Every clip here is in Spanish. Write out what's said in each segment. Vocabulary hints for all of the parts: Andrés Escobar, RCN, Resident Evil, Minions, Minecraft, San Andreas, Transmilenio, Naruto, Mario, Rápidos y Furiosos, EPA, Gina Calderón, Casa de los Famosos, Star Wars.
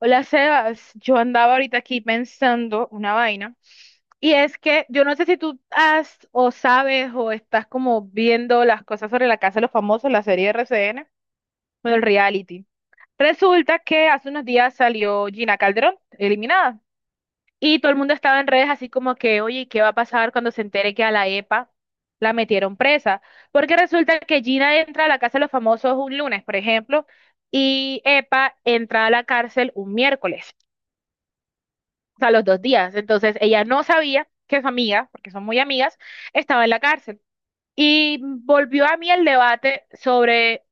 Hola Sebas, yo andaba ahorita aquí pensando una vaina y es que yo no sé si tú has o sabes o estás como viendo las cosas sobre la Casa de los Famosos, la serie RCN, bueno, el reality. Resulta que hace unos días salió Gina Calderón eliminada y todo el mundo estaba en redes así como que, oye, ¿qué va a pasar cuando se entere que a la EPA la metieron presa? Porque resulta que Gina entra a la Casa de los Famosos un lunes, por ejemplo, y EPA entra a la cárcel un miércoles, o sea, los dos días. Entonces ella no sabía que su amiga, porque son muy amigas, estaba en la cárcel. Y volvió a mí el debate sobre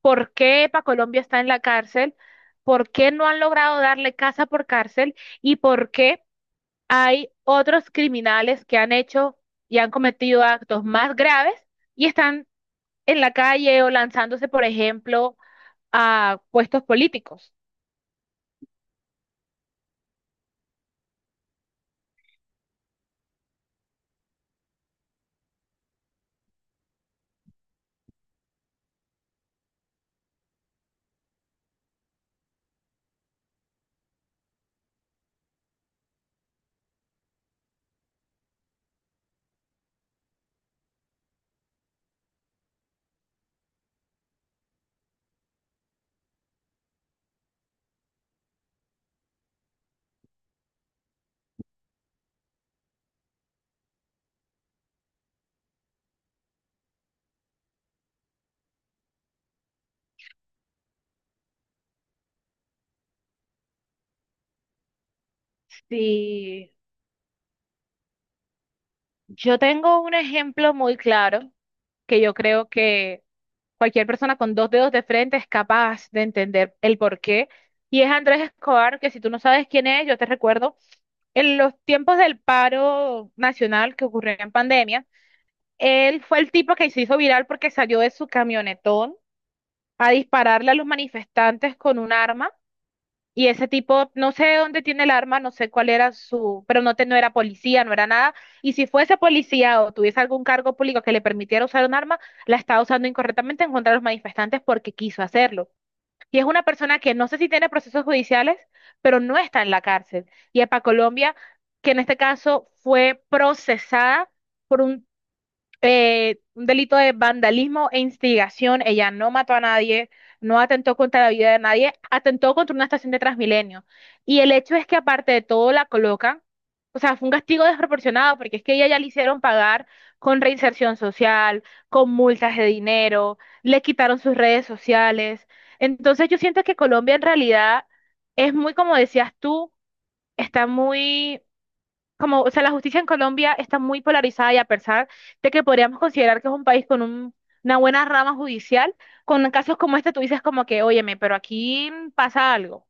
por qué EPA Colombia está en la cárcel, por qué no han logrado darle casa por cárcel y por qué hay otros criminales que han hecho y han cometido actos más graves y están en la calle o lanzándose, por ejemplo, a puestos políticos. Sí, yo tengo un ejemplo muy claro que yo creo que cualquier persona con dos dedos de frente es capaz de entender el porqué. Y es Andrés Escobar, que si tú no sabes quién es, yo te recuerdo, en los tiempos del paro nacional que ocurrió en pandemia, él fue el tipo que se hizo viral porque salió de su camionetón a dispararle a los manifestantes con un arma y ese tipo, no sé dónde tiene el arma, no sé cuál era su, pero no, te, no era policía, no era nada. Y si fuese policía o tuviese algún cargo público que le permitiera usar un arma, la estaba usando incorrectamente en contra de los manifestantes porque quiso hacerlo. Y es una persona que no sé si tiene procesos judiciales, pero no está en la cárcel. Y es para Colombia, que en este caso fue procesada por un delito de vandalismo e instigación. Ella no mató a nadie, no atentó contra la vida de nadie, atentó contra una estación de Transmilenio. Y el hecho es que aparte de todo la colocan, o sea, fue un castigo desproporcionado porque es que ella ya le hicieron pagar con reinserción social, con multas de dinero, le quitaron sus redes sociales. Entonces yo siento que Colombia en realidad es muy, como decías tú, está muy como, o sea, la justicia en Colombia está muy polarizada y a pesar de que podríamos considerar que es un país con una buena rama judicial, con casos como este tú dices como que, óyeme, pero aquí pasa algo.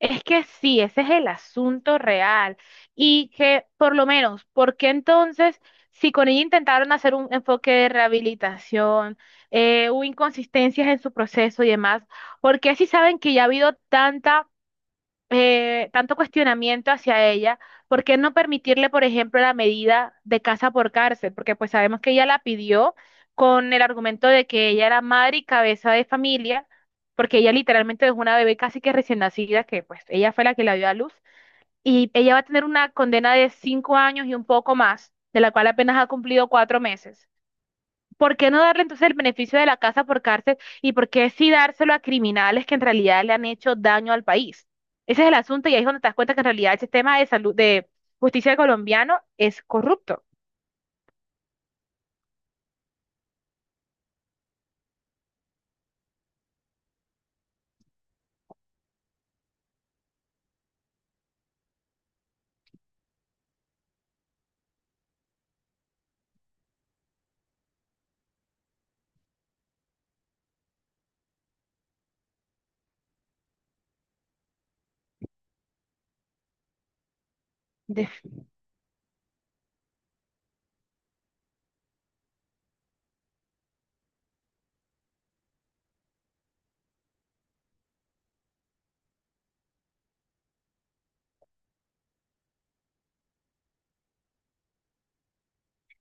Es que sí, ese es el asunto real. Y que, por lo menos, ¿por qué entonces, si con ella intentaron hacer un enfoque de rehabilitación, hubo inconsistencias en su proceso y demás? ¿Por qué si saben que ya ha habido tanta tanto cuestionamiento hacia ella, ¿por qué no permitirle, por ejemplo, la medida de casa por cárcel? Porque pues sabemos que ella la pidió con el argumento de que ella era madre y cabeza de familia, porque ella literalmente es una bebé casi que recién nacida, que pues ella fue la que la dio a luz, y ella va a tener una condena de cinco años y un poco más, de la cual apenas ha cumplido cuatro meses. ¿Por qué no darle entonces el beneficio de la casa por cárcel y por qué sí dárselo a criminales que en realidad le han hecho daño al país? Ese es el asunto y ahí es donde te das cuenta que en realidad el sistema de salud, de justicia colombiano es corrupto.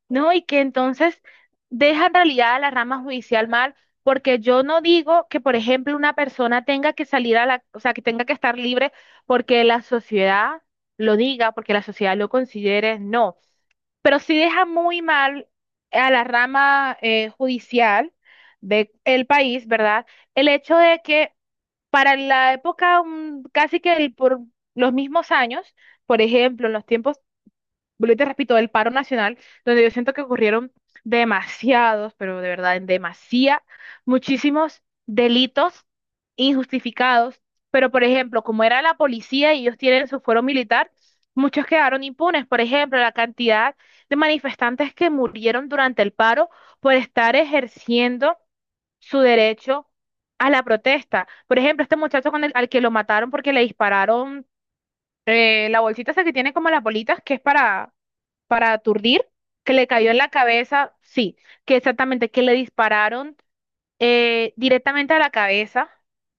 No, y que entonces deja en realidad a la rama judicial mal, porque yo no digo que, por ejemplo, una persona tenga que salir a la, o sea, que tenga que estar libre porque la sociedad lo diga, porque la sociedad lo considere, no. Pero sí deja muy mal a la rama judicial del país, ¿verdad? El hecho de que para la época, casi que por los mismos años, por ejemplo, en los tiempos vuelvo y te repito, el paro nacional, donde yo siento que ocurrieron demasiados, pero de verdad, demasiada, muchísimos delitos injustificados, pero por ejemplo, como era la policía y ellos tienen su fuero militar, muchos quedaron impunes. Por ejemplo, la cantidad de manifestantes que murieron durante el paro por estar ejerciendo su derecho a la protesta. Por ejemplo, este muchacho con al que lo mataron porque le dispararon la bolsita esa que tiene como las bolitas, que es para aturdir, que le cayó en la cabeza, sí, que exactamente, que le dispararon directamente a la cabeza.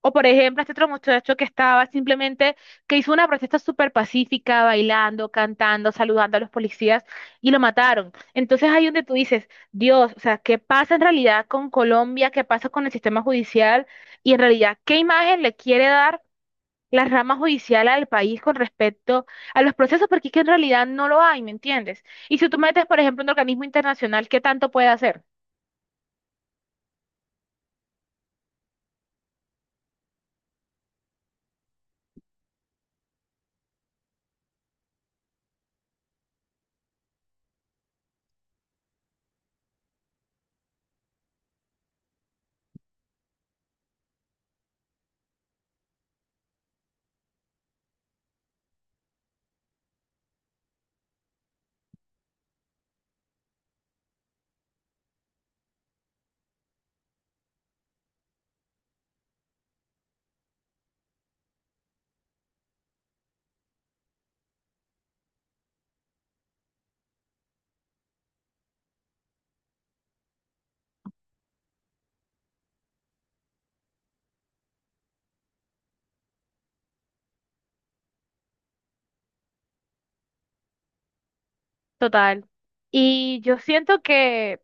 O por ejemplo, este otro muchacho que estaba simplemente, que hizo una protesta súper pacífica, bailando, cantando, saludando a los policías y lo mataron. Entonces ahí donde tú dices, Dios, o sea, ¿qué pasa en realidad con Colombia? ¿Qué pasa con el sistema judicial? Y en realidad, ¿qué imagen le quiere dar la rama judicial al país con respecto a los procesos, porque es que en realidad no lo hay, ¿me entiendes? Y si tú metes, por ejemplo, un organismo internacional, ¿qué tanto puede hacer? Total. Y yo siento que,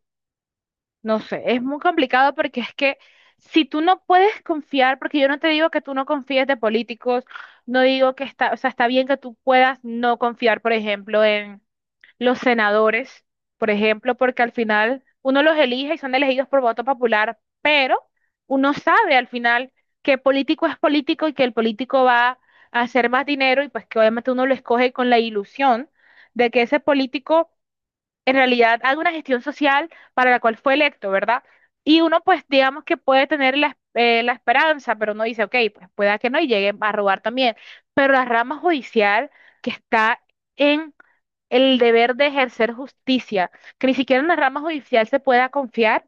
no sé, es muy complicado porque es que si tú no puedes confiar, porque yo no te digo que tú no confíes de políticos, no digo que está, o sea, está bien que tú puedas no confiar, por ejemplo, en los senadores, por ejemplo, porque al final uno los elige y son elegidos por voto popular, pero uno sabe al final que político es político y que el político va a hacer más dinero y pues que obviamente uno lo escoge con la ilusión de que ese político en realidad haga una gestión social para la cual fue electo, ¿verdad? Y uno pues digamos que puede tener la, la esperanza, pero uno dice, ok, pues pueda que no y llegue a robar también, pero la rama judicial que está en el deber de ejercer justicia, que ni siquiera en la rama judicial se pueda confiar,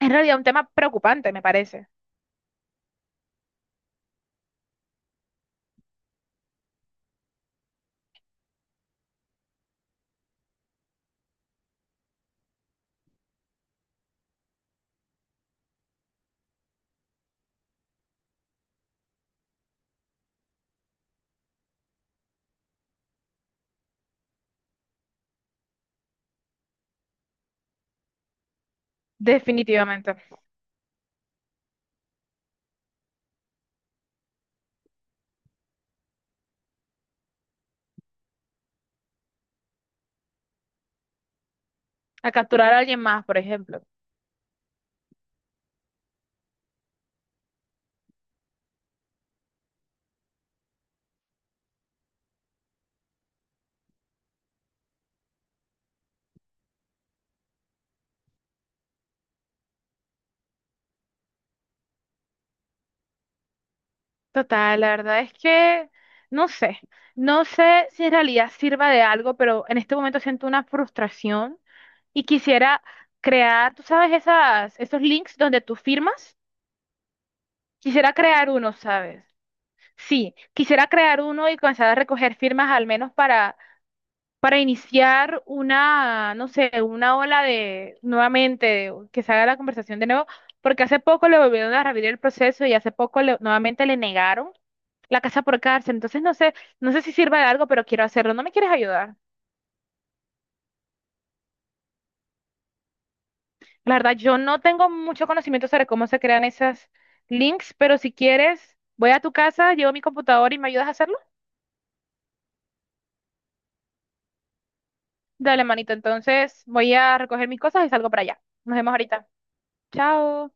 es en realidad un tema preocupante, me parece, definitivamente. A capturar a alguien más, por ejemplo. Total, la verdad es que no sé, no sé si en realidad sirva de algo, pero en este momento siento una frustración y quisiera crear, tú sabes, esas, esos links donde tú firmas, quisiera crear uno, ¿sabes? Sí, quisiera crear uno y comenzar a recoger firmas al menos para iniciar una, no sé, una ola de, nuevamente, de- que se haga la conversación de nuevo, porque hace poco le volvieron a revivir el proceso y hace poco nuevamente le negaron. La casa por cárcel. Entonces no sé, no sé si sirva de algo, pero quiero hacerlo. ¿No me quieres ayudar? La verdad, yo no tengo mucho conocimiento sobre cómo se crean esas links, pero si quieres, voy a tu casa, llevo mi computadora y me ayudas a hacerlo. Dale, manito. Entonces voy a recoger mis cosas y salgo para allá. Nos vemos ahorita. Chao.